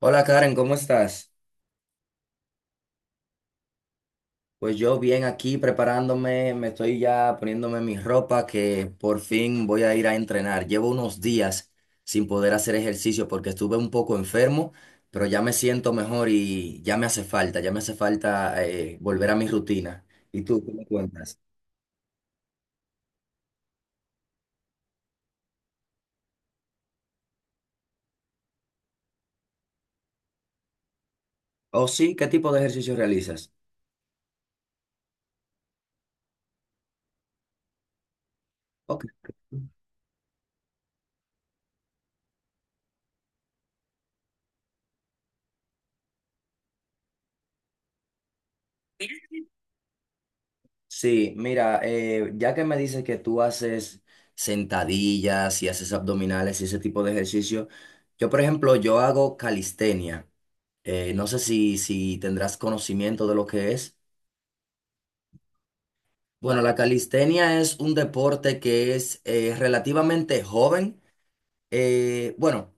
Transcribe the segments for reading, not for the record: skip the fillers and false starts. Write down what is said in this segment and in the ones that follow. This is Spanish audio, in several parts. Hola Karen, ¿cómo estás? Pues yo bien aquí preparándome, me estoy ya poniéndome mi ropa que por fin voy a ir a entrenar. Llevo unos días sin poder hacer ejercicio porque estuve un poco enfermo, pero ya me siento mejor y ya me hace falta, ya me hace falta volver a mi rutina. ¿Y tú qué me cuentas? ¿O sí? ¿Qué tipo de ejercicio realizas? Ok. Sí, mira, ya que me dices que tú haces sentadillas y haces abdominales y ese tipo de ejercicio, yo por ejemplo, yo hago calistenia. No sé si tendrás conocimiento de lo que es. Bueno, la calistenia es un deporte que es relativamente joven. Bueno,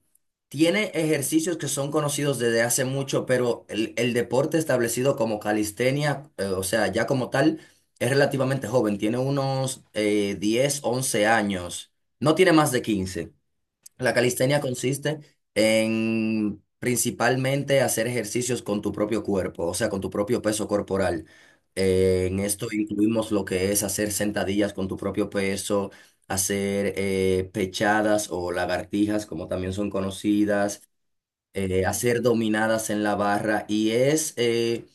tiene ejercicios que son conocidos desde hace mucho, pero el deporte establecido como calistenia, o sea, ya como tal, es relativamente joven. Tiene unos 10, 11 años. No tiene más de 15. La calistenia consiste en principalmente hacer ejercicios con tu propio cuerpo, o sea, con tu propio peso corporal. En esto incluimos lo que es hacer sentadillas con tu propio peso, hacer pechadas o lagartijas, como también son conocidas, hacer dominadas en la barra y es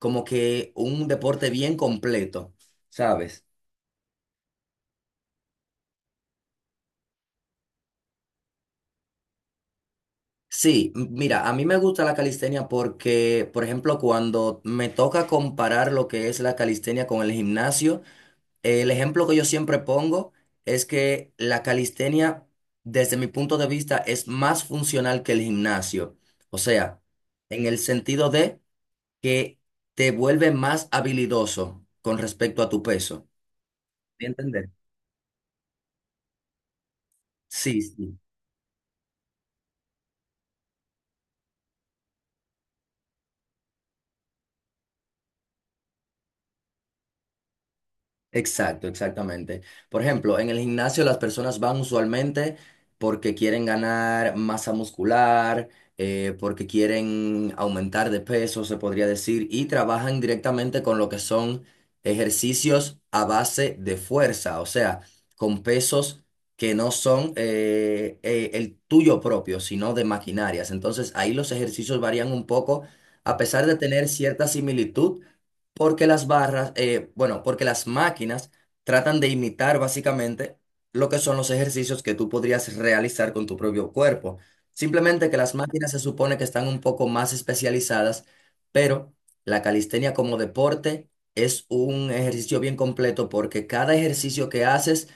como que un deporte bien completo, ¿sabes? Sí, mira, a mí me gusta la calistenia porque, por ejemplo, cuando me toca comparar lo que es la calistenia con el gimnasio, el ejemplo que yo siempre pongo es que la calistenia, desde mi punto de vista, es más funcional que el gimnasio. O sea, en el sentido de que te vuelve más habilidoso con respecto a tu peso. ¿Me entiendes? Sí, sí. Exacto, exactamente. Por ejemplo, en el gimnasio las personas van usualmente porque quieren ganar masa muscular, porque quieren aumentar de peso, se podría decir, y trabajan directamente con lo que son ejercicios a base de fuerza, o sea, con pesos que no son el tuyo propio, sino de maquinarias. Entonces ahí los ejercicios varían un poco, a pesar de tener cierta similitud. Porque las barras, porque las máquinas tratan de imitar básicamente lo que son los ejercicios que tú podrías realizar con tu propio cuerpo. Simplemente que las máquinas se supone que están un poco más especializadas, pero la calistenia como deporte es un ejercicio bien completo porque cada ejercicio que haces,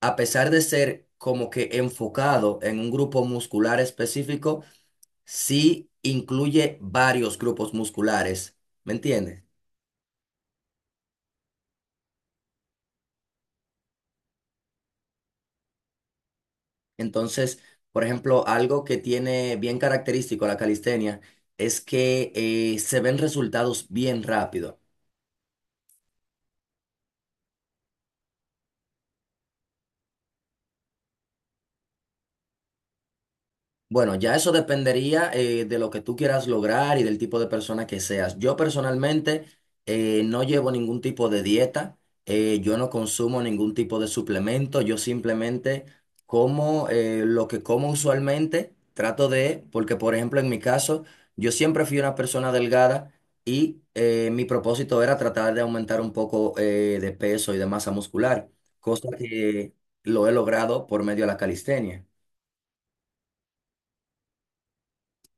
a pesar de ser como que enfocado en un grupo muscular específico, sí incluye varios grupos musculares. ¿Me entiendes? Entonces, por ejemplo, algo que tiene bien característico la calistenia es que se ven resultados bien rápido. Bueno, ya eso dependería de lo que tú quieras lograr y del tipo de persona que seas. Yo personalmente no llevo ningún tipo de dieta, yo no consumo ningún tipo de suplemento, yo simplemente como lo que como usualmente, trato de, porque por ejemplo en mi caso, yo siempre fui una persona delgada y mi propósito era tratar de aumentar un poco de peso y de masa muscular, cosa que lo he logrado por medio de la calistenia.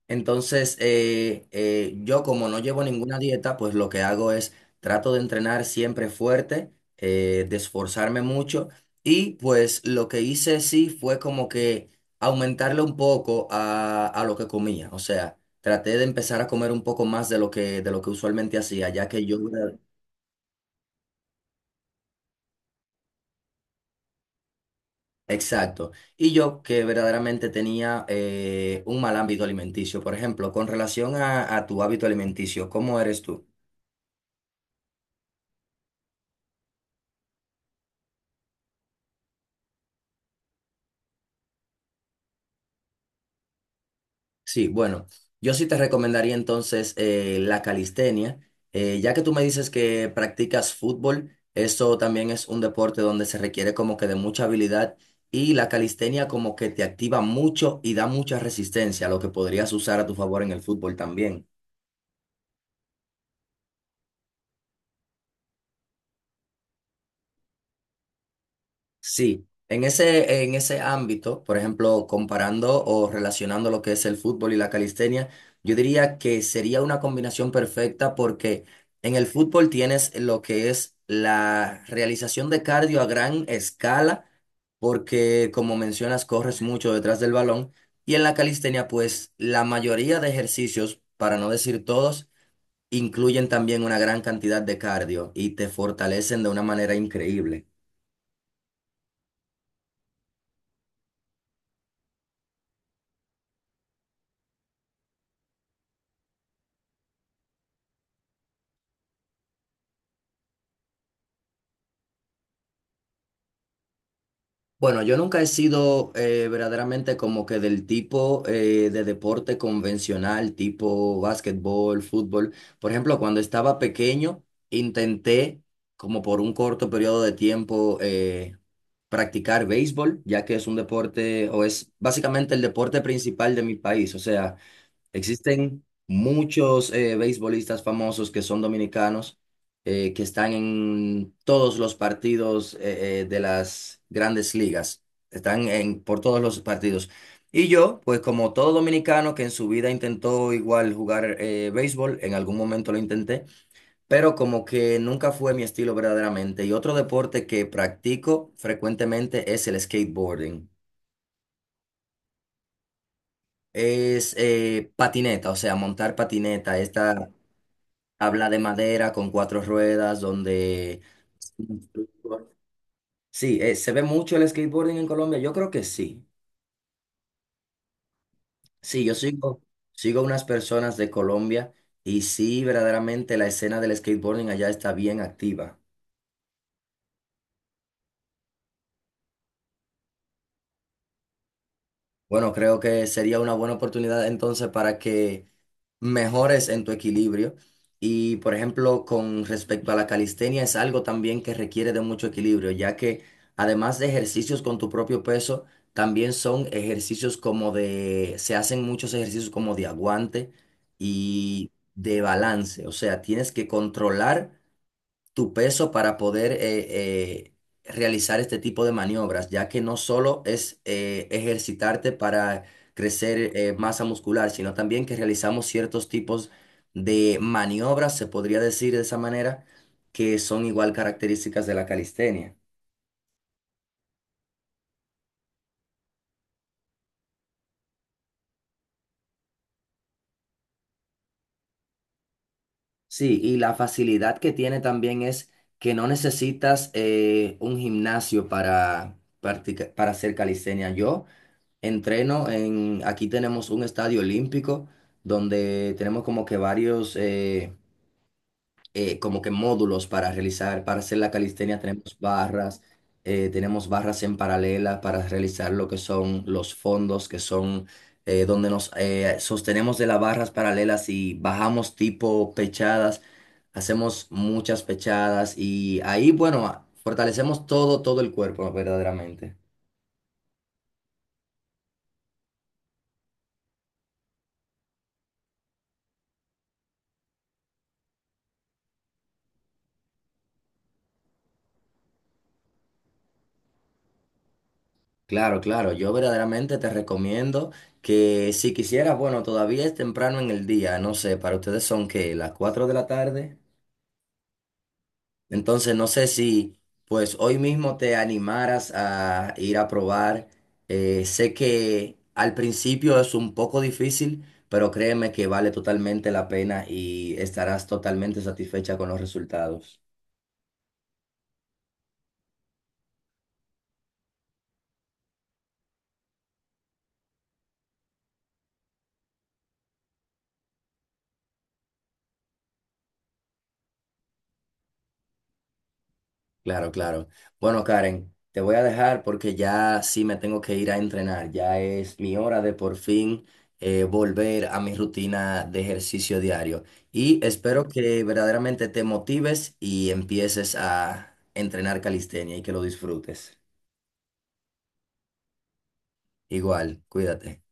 Entonces, yo como no llevo ninguna dieta, pues lo que hago es trato de entrenar siempre fuerte, de esforzarme mucho y pues lo que hice sí fue como que aumentarle un poco a lo que comía. O sea, traté de empezar a comer un poco más de lo que usualmente hacía, ya que yo... Exacto. Y yo que verdaderamente tenía un mal hábito alimenticio. Por ejemplo, con relación a tu hábito alimenticio, ¿cómo eres tú? Sí, bueno, yo sí te recomendaría entonces la calistenia. Ya que tú me dices que practicas fútbol, eso también es un deporte donde se requiere como que de mucha habilidad y la calistenia como que te activa mucho y da mucha resistencia, lo que podrías usar a tu favor en el fútbol también. Sí, en ese ámbito, por ejemplo, comparando o relacionando lo que es el fútbol y la calistenia, yo diría que sería una combinación perfecta porque en el fútbol tienes lo que es la realización de cardio a gran escala, porque como mencionas, corres mucho detrás del balón, y en la calistenia, pues la mayoría de ejercicios, para no decir todos, incluyen también una gran cantidad de cardio y te fortalecen de una manera increíble. Bueno, yo nunca he sido verdaderamente como que del tipo de deporte convencional, tipo básquetbol, fútbol. Por ejemplo, cuando estaba pequeño, intenté como por un corto periodo de tiempo practicar béisbol, ya que es un deporte o es básicamente el deporte principal de mi país. O sea, existen muchos beisbolistas famosos que son dominicanos, que están en todos los partidos de las grandes ligas, están en, por todos los partidos. Y yo, pues como todo dominicano que en su vida intentó igual jugar béisbol, en algún momento lo intenté, pero como que nunca fue mi estilo verdaderamente. Y otro deporte que practico frecuentemente es el skateboarding. Es patineta, o sea, montar patineta, esta habla de madera con cuatro ruedas, donde... Sí, se ve mucho el skateboarding en Colombia. Yo creo que sí. Sí, sigo unas personas de Colombia y sí, verdaderamente la escena del skateboarding allá está bien activa. Bueno, creo que sería una buena oportunidad entonces para que mejores en tu equilibrio. Y por ejemplo, con respecto a la calistenia, es algo también que requiere de mucho equilibrio, ya que además de ejercicios con tu propio peso, también son ejercicios como de, se hacen muchos ejercicios como de aguante y de balance. O sea, tienes que controlar tu peso para poder realizar este tipo de maniobras, ya que no solo es ejercitarte para crecer masa muscular, sino también que realizamos ciertos tipos de maniobras, se podría decir de esa manera, que son igual características de la calistenia. Sí, y la facilidad que tiene también es que no necesitas un gimnasio para, para hacer calistenia. Yo entreno en, aquí tenemos un estadio olímpico donde tenemos como que varios, como que módulos para realizar, para hacer la calistenia tenemos barras en paralela para realizar lo que son los fondos, que son donde nos sostenemos de las barras paralelas y bajamos tipo pechadas, hacemos muchas pechadas y ahí, bueno, fortalecemos todo, todo el cuerpo verdaderamente. Claro, claro, yo verdaderamente te recomiendo que si quisieras, bueno, todavía es temprano en el día, no sé, para ustedes son que las 4 de la tarde, entonces no sé si pues hoy mismo te animaras a ir a probar. Sé que al principio es un poco difícil, pero créeme que vale totalmente la pena y estarás totalmente satisfecha con los resultados. Claro, claro. Bueno, Karen, te voy a dejar porque ya sí me tengo que ir a entrenar. Ya es mi hora de por fin volver a mi rutina de ejercicio diario. Y espero que verdaderamente te motives y empieces a entrenar calistenia y que lo disfrutes. Igual, cuídate.